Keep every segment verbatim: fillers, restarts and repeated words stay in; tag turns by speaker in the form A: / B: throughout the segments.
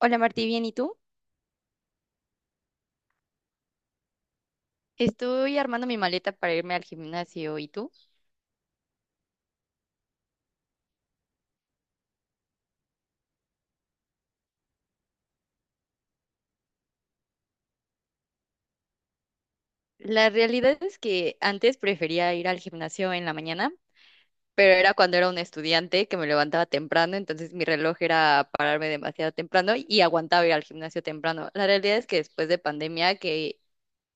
A: Hola Martí, ¿bien y tú? Estoy armando mi maleta para irme al gimnasio, ¿y tú? La realidad es que antes prefería ir al gimnasio en la mañana, pero era cuando era un estudiante que me levantaba temprano, entonces mi reloj era pararme demasiado temprano y aguantaba ir al gimnasio temprano. La realidad es que después de pandemia que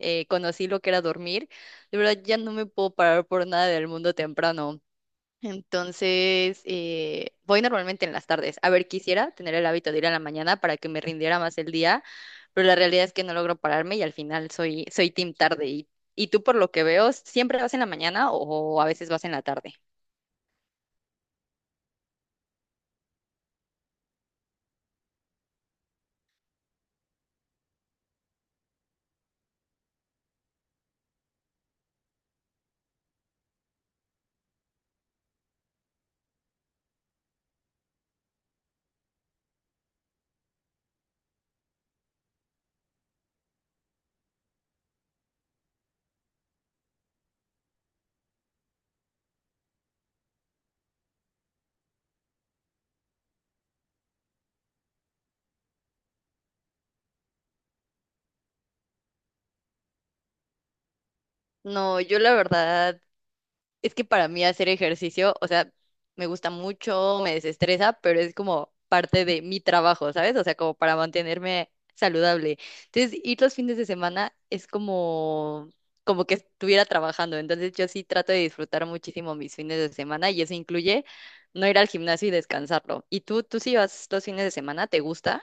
A: eh, conocí lo que era dormir, de verdad ya no me puedo parar por nada del mundo temprano. Entonces, eh, voy normalmente en las tardes. A ver, quisiera tener el hábito de ir a la mañana para que me rindiera más el día, pero la realidad es que no logro pararme y al final soy, soy team tarde. Y, y tú, por lo que veo, ¿siempre vas en la mañana o a veces vas en la tarde? No, yo la verdad es que para mí hacer ejercicio, o sea, me gusta mucho, me desestresa, pero es como parte de mi trabajo, ¿sabes? O sea, como para mantenerme saludable. Entonces, ir los fines de semana es como, como que estuviera trabajando. Entonces, yo sí trato de disfrutar muchísimo mis fines de semana y eso incluye no ir al gimnasio y descansarlo. ¿Y tú, tú sí vas los fines de semana? ¿Te gusta?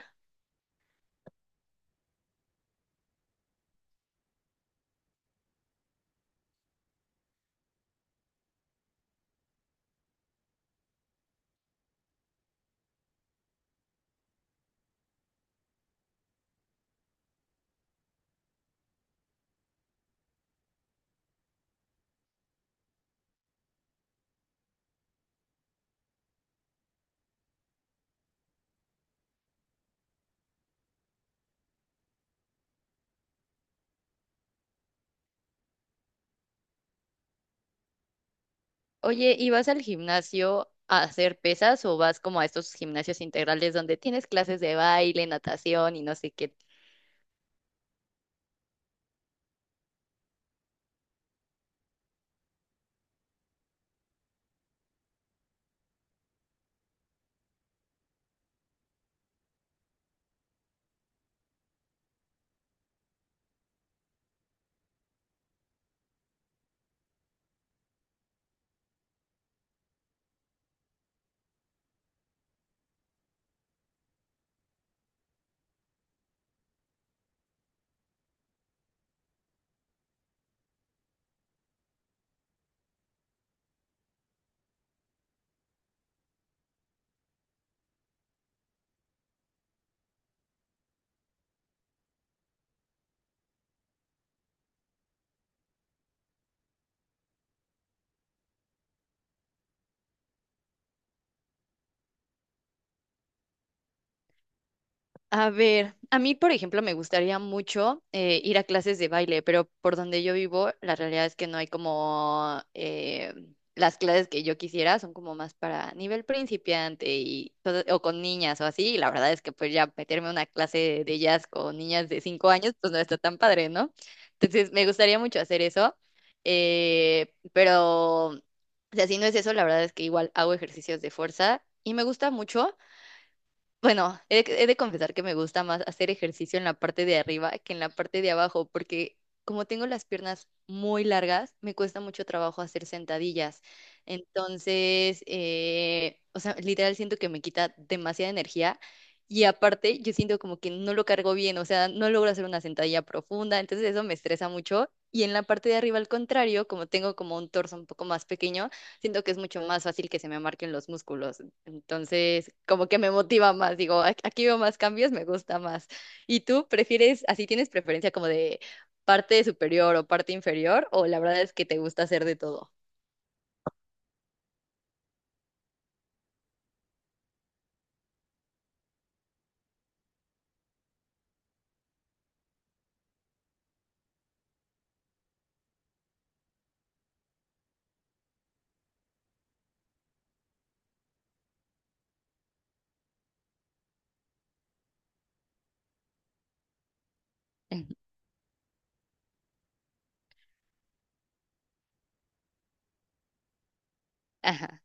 A: Oye, ¿y vas al gimnasio a hacer pesas o vas como a estos gimnasios integrales donde tienes clases de baile, natación y no sé qué? A ver, a mí, por ejemplo, me gustaría mucho eh, ir a clases de baile, pero por donde yo vivo, la realidad es que no hay como eh, las clases que yo quisiera, son como más para nivel principiante y todo- o con niñas o así, y la verdad es que pues ya meterme a una clase de jazz con niñas de cinco años, pues no está tan padre, ¿no? Entonces, me gustaría mucho hacer eso, eh, pero o sea, si no es eso, la verdad es que igual hago ejercicios de fuerza y me gusta mucho. Bueno, he, de he de confesar que me gusta más hacer ejercicio en la parte de arriba que en la parte de abajo, porque como tengo las piernas muy largas, me cuesta mucho trabajo hacer sentadillas. Entonces, eh, o sea, literal siento que me quita demasiada energía y aparte yo siento como que no lo cargo bien, o sea, no logro hacer una sentadilla profunda, entonces eso me estresa mucho. Y en la parte de arriba, al contrario, como tengo como un torso un poco más pequeño, siento que es mucho más fácil que se me marquen los músculos. Entonces, como que me motiva más, digo, "Ac- aquí veo más cambios, me gusta más. ¿Y tú prefieres, así tienes preferencia como de parte superior o parte inferior, o la verdad es que te gusta hacer de todo? Ujú. Ajá.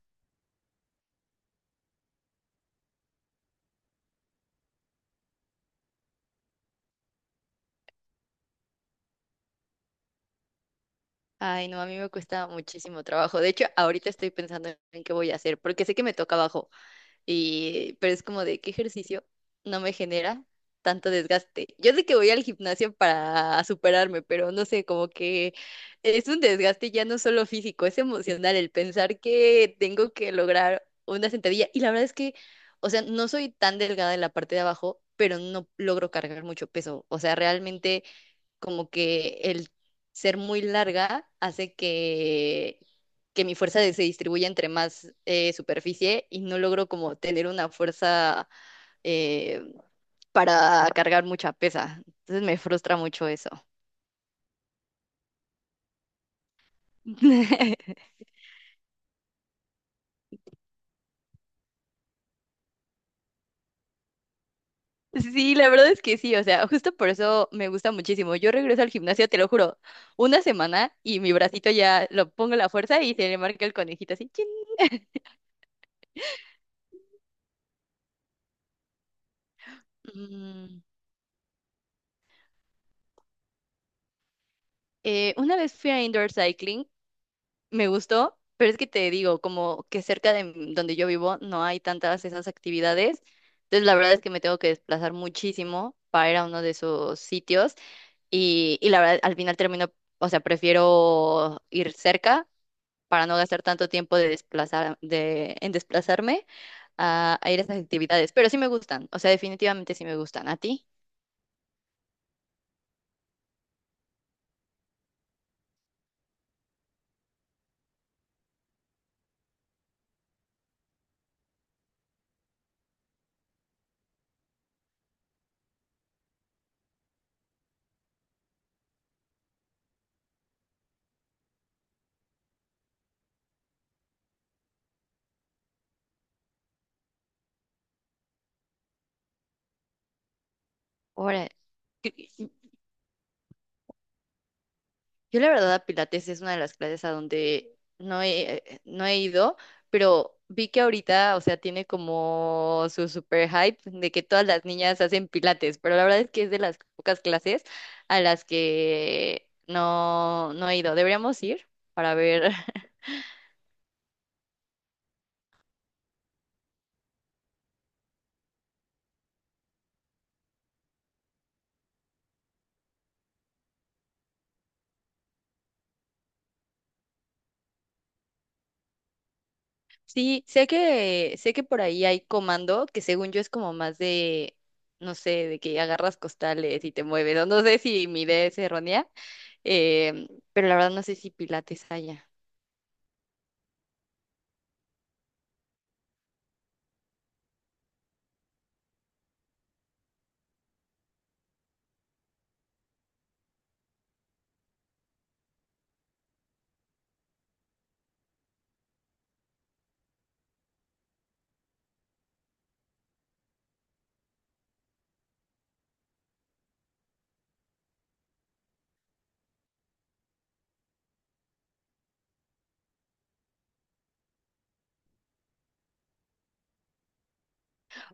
A: Ay, no, a mí me cuesta muchísimo trabajo. De hecho, ahorita estoy pensando en qué voy a hacer, porque sé que me toca abajo. Y, pero es como de qué ejercicio no me genera tanto desgaste. Yo sé que voy al gimnasio para superarme, pero no sé, como que es un desgaste ya no solo físico, es emocional el pensar que tengo que lograr una sentadilla. Y la verdad es que, o sea, no soy tan delgada en la parte de abajo, pero no logro cargar mucho peso. O sea, realmente como que el ser muy larga hace que, que mi fuerza de- se distribuya entre más eh, superficie y no logro como tener una fuerza eh, para cargar mucha pesa. Entonces me frustra mucho eso. Sí, la verdad es que sí, o sea, justo por eso me gusta muchísimo. Yo regreso al gimnasio, te lo juro, una semana y mi bracito ya lo pongo la fuerza y se le marca el conejito así. Chin. Mm, eh, una vez fui a indoor cycling. Me gustó, pero es que te digo, como que cerca de m- donde yo vivo no hay tantas esas actividades. Entonces, la verdad es que me tengo que desplazar muchísimo para ir a uno de esos sitios. Y, y la verdad, al final termino, o sea, prefiero ir cerca para no gastar tanto tiempo de desplazar, de, en desplazarme a, a ir a esas actividades. Pero sí me gustan, o sea, definitivamente sí me gustan. ¿A ti? Órale. Yo la verdad a Pilates es una de las clases a donde no he, eh, no he ido, pero vi que ahorita, o sea, tiene como su super hype de que todas las niñas hacen Pilates, pero la verdad es que es de las pocas clases a las que no, no he ido. Deberíamos ir para ver. Sí, sé que, sé que por ahí hay comando, que según yo es como más de, no sé, de que agarras costales y te mueves. No, no sé si mi idea es errónea, em, pero la verdad no sé si Pilates haya.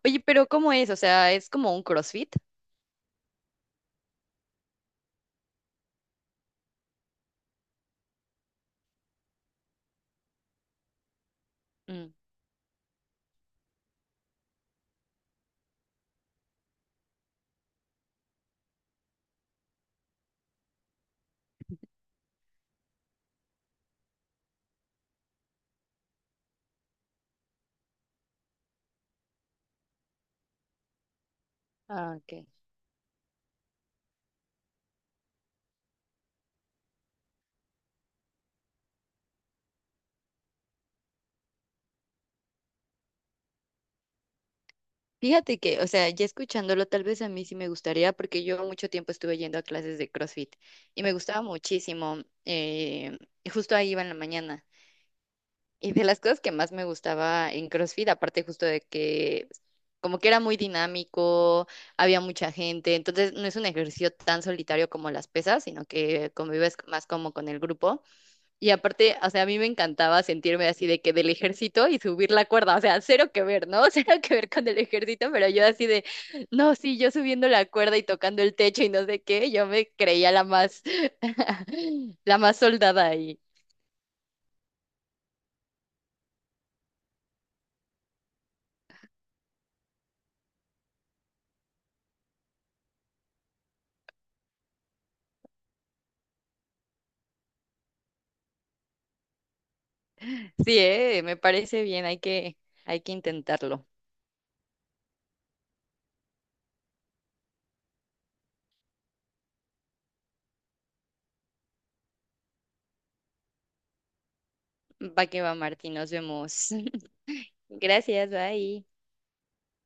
A: Oye, pero ¿cómo es? O sea, ¿es como un CrossFit? Mm. Ah, ok. Fíjate que, o sea, ya escuchándolo, tal vez a mí sí me gustaría, porque yo mucho tiempo estuve yendo a clases de CrossFit y me gustaba muchísimo. eh, y justo ahí iba en la mañana. Y de las cosas que más me gustaba en CrossFit, aparte justo de que como que era muy dinámico, había mucha gente, entonces no es un ejercicio tan solitario como las pesas, sino que convives más como con el grupo. Y aparte, o sea, a mí me encantaba sentirme así de que del ejército y subir la cuerda, o sea, cero que ver, ¿no? Cero que ver con el ejército, pero yo así de, no, sí, yo subiendo la cuerda y tocando el techo y no sé qué, yo me creía la más, la más soldada ahí. Sí, eh, me parece bien, hay que, hay que intentarlo. Va que va, Martín, nos vemos. Gracias, bye.